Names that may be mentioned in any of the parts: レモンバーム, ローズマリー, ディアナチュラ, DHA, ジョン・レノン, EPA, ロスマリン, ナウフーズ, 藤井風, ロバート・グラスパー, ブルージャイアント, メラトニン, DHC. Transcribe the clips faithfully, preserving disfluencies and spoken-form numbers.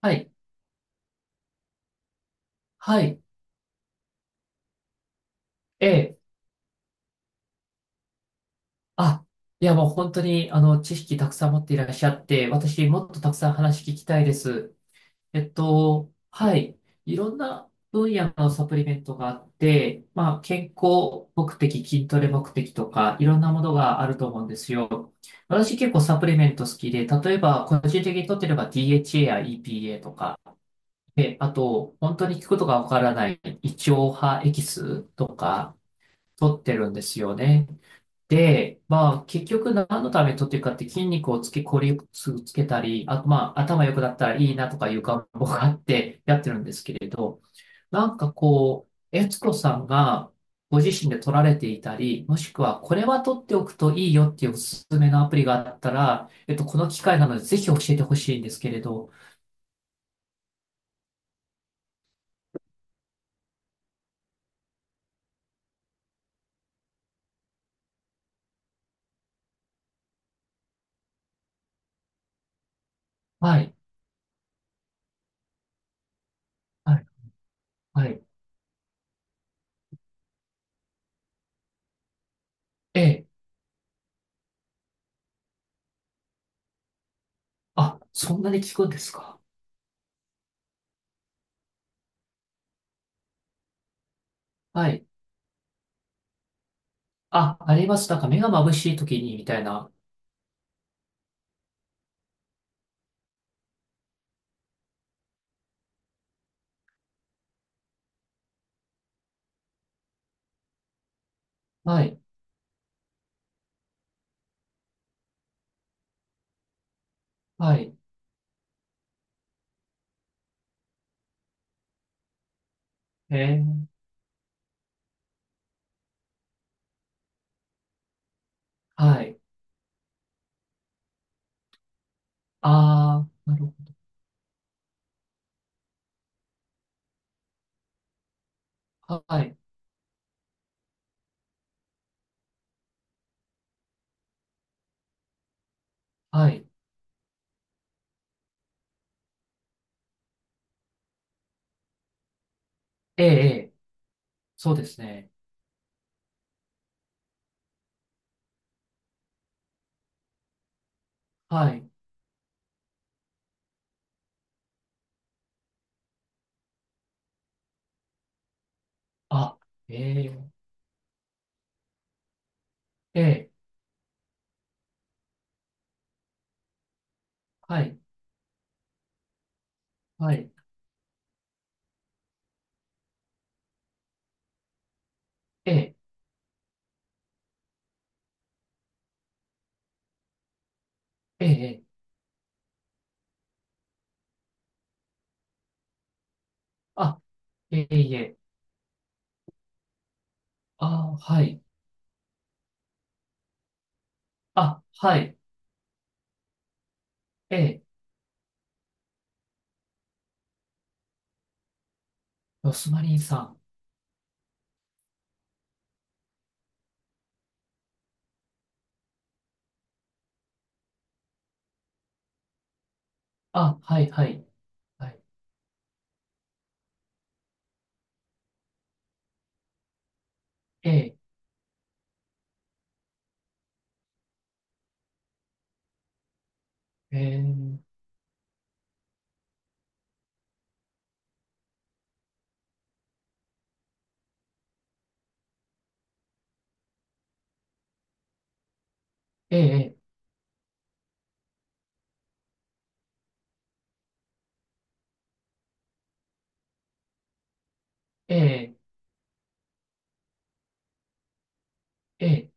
はい。はい。ええ。あ、いやもう本当に、あの、知識たくさん持っていらっしゃって、私もっとたくさん話聞きたいです。えっと、はい。いろんな分野のサプリメントがあって、まあ、健康目的、筋トレ目的とか、いろんなものがあると思うんですよ。私結構サプリメント好きで、例えば、個人的に取ってれば ディーエイチエー や イーピーエー とか、で、あと、本当に聞くことがわからない、胃腸派エキスとか、取ってるんですよね。で、まあ、結局何のために取っていくかって筋肉をつけ、効率をつけたり、あとまあ、頭良くなったらいいなとかいう願望があってやってるんですけれど、なんかこう、悦子さんがご自身で取られていたり、もしくはこれは取っておくといいよっていうおすすめのアプリがあったら、えっと、この機会なのでぜひ教えてほしいんですけれど、はい、はい、はい。ええ、あ、そんなに効くんですか。はい。あ、あります。なんか目が眩しい時にみたいな。はい、はい。ええ。はい。ああ、なるほど。はい。はい。ええ、ええ。そうですね。はい。あ、ええ、ええ、はい。はい。ええ、ええ、ええ。あ、ええ、いえ。ああ、はい。あ、はい。ええ、ロスマリンさん。あ、はい、はい。はい。ええ、ええ、ええ、ええ、ええ。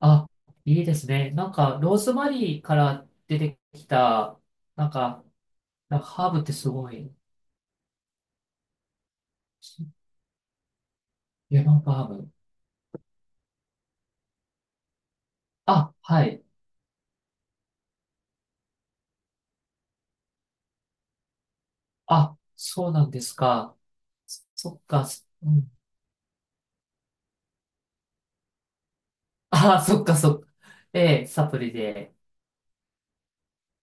あ、いいですね。なんか、ローズマリーから出てきた、なんか、なんかハーブってすごい。レモンバーム。あ、はい。あ、そうなんですか。そそっか、そうん。あ、そっか、そっか。ええ、サプリで。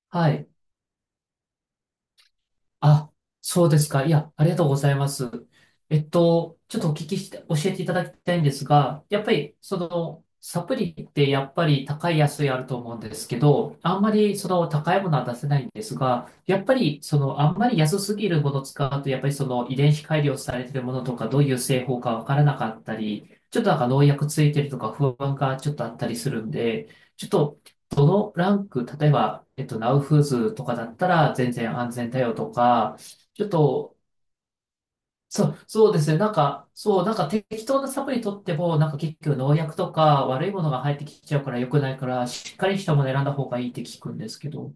はい。あ、そうですか。いや、ありがとうございます。えっと、ちょっとお聞きして、教えていただきたいんですが、やっぱり、その、サプリってやっぱり高い安いあると思うんですけど、あんまりその高いものは出せないんですが、やっぱりそのあんまり安すぎるものを使うと、やっぱりその遺伝子改良されてるものとか、どういう製法かわからなかったり、ちょっとなんか農薬ついてるとか不安がちょっとあったりするんで、ちょっとランク、例えば、えっと、ナウフーズとかだったら全然安全だよとか、ちょっと、そう、そうですね。なんか、そう、なんか適当なサプリ取っても、なんか結局農薬とか悪いものが入ってきちゃうから良くないから、しっかりしたもの選んだ方がいいって聞くんですけど。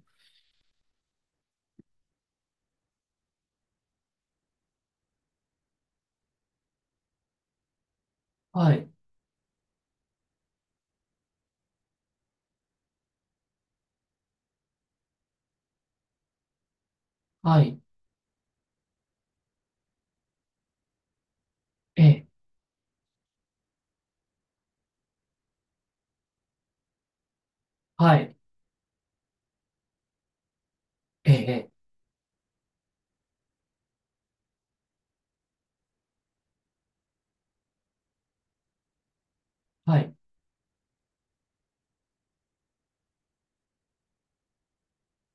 はい、はい、ええ、はい、ええ、ええ、はい、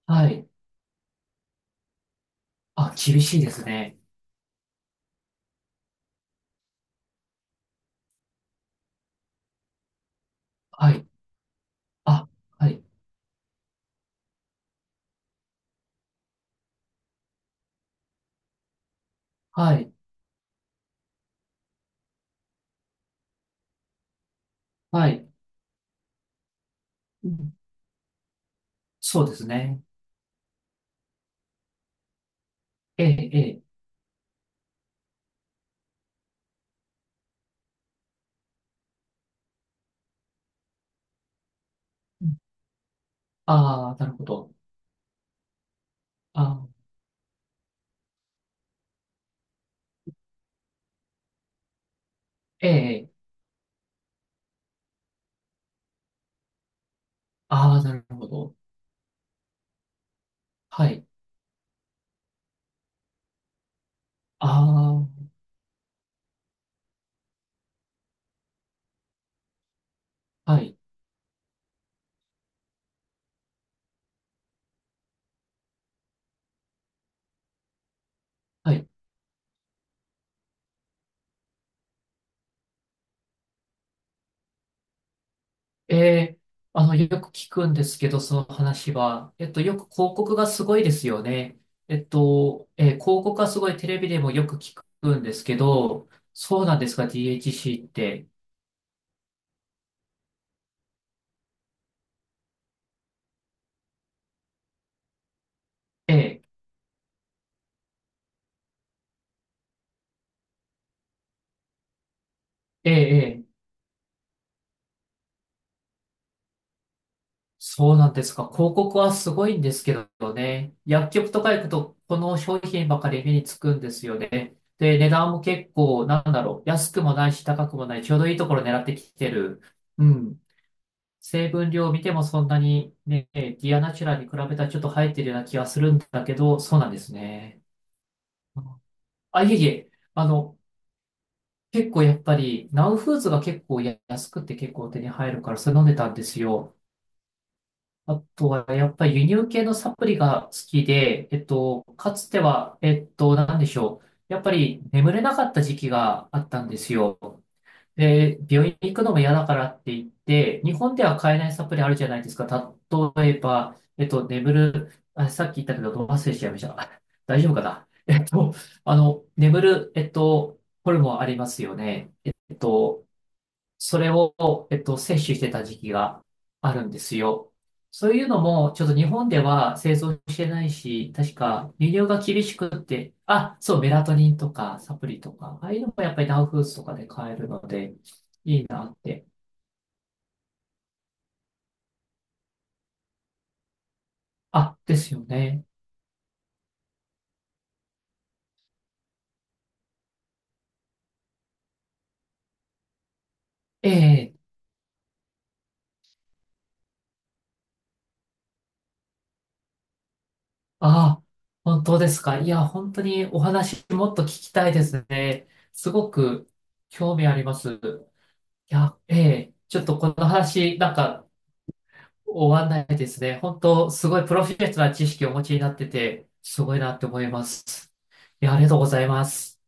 はい。あ、厳しいですね。はい、あ、はい、はい、はい。うん。そうですね。ええ、ええ。ああ、なるほど。あー、ええ、ああ、なるほど。はい。ああ、はい、はい。ええ、あの、よく聞くんですけど、その話は。えっと、よく広告がすごいですよね。えっと、えー広告がすごいテレビでもよく聞くんですけど、そうなんですか、ディーエイチシー って。ええ、ええ、え、そうなんですか。広告はすごいんですけどね。薬局とか行くと、この商品ばかり目につくんですよね。で、値段も結構、なんだろう。安くもないし、高くもない。ちょうどいいところ狙ってきてる。うん。成分量を見てもそんなにね、ディアナチュラに比べたらちょっと入ってるような気がするんだけど、そうなんですね。あ、いえいえ。あの、結構やっぱり、ナウフーズが結構安くて結構手に入るから、それ飲んでたんですよ。あとは、やっぱり輸入系のサプリが好きで、えっと、かつては、えっと、なんでしょう。やっぱり眠れなかった時期があったんですよ。で、病院に行くのも嫌だからって言って、日本では買えないサプリあるじゃないですか。例えば、えっと、眠る、あ、さっき言ったけど、忘れちゃいました。大丈夫かな。えっと、あの、眠る、えっと、ホルモンありますよね。えっと、それを、えっと、摂取してた時期があるんですよ。そういうのも、ちょっと日本では製造してないし、確か輸入が厳しくって、あ、そう、メラトニンとかサプリとか、ああいうのもやっぱりダウフーズとかで買えるので、いいなって。あ、ですよね。ええ、あ、本当ですか。いや、本当にお話もっと聞きたいですね。すごく興味あります。いや、ええ、ちょっとこの話、なんか、終わんないですね。本当、すごいプロフェッショナルな知識をお持ちになってて、すごいなって思います。いや、ありがとうございます。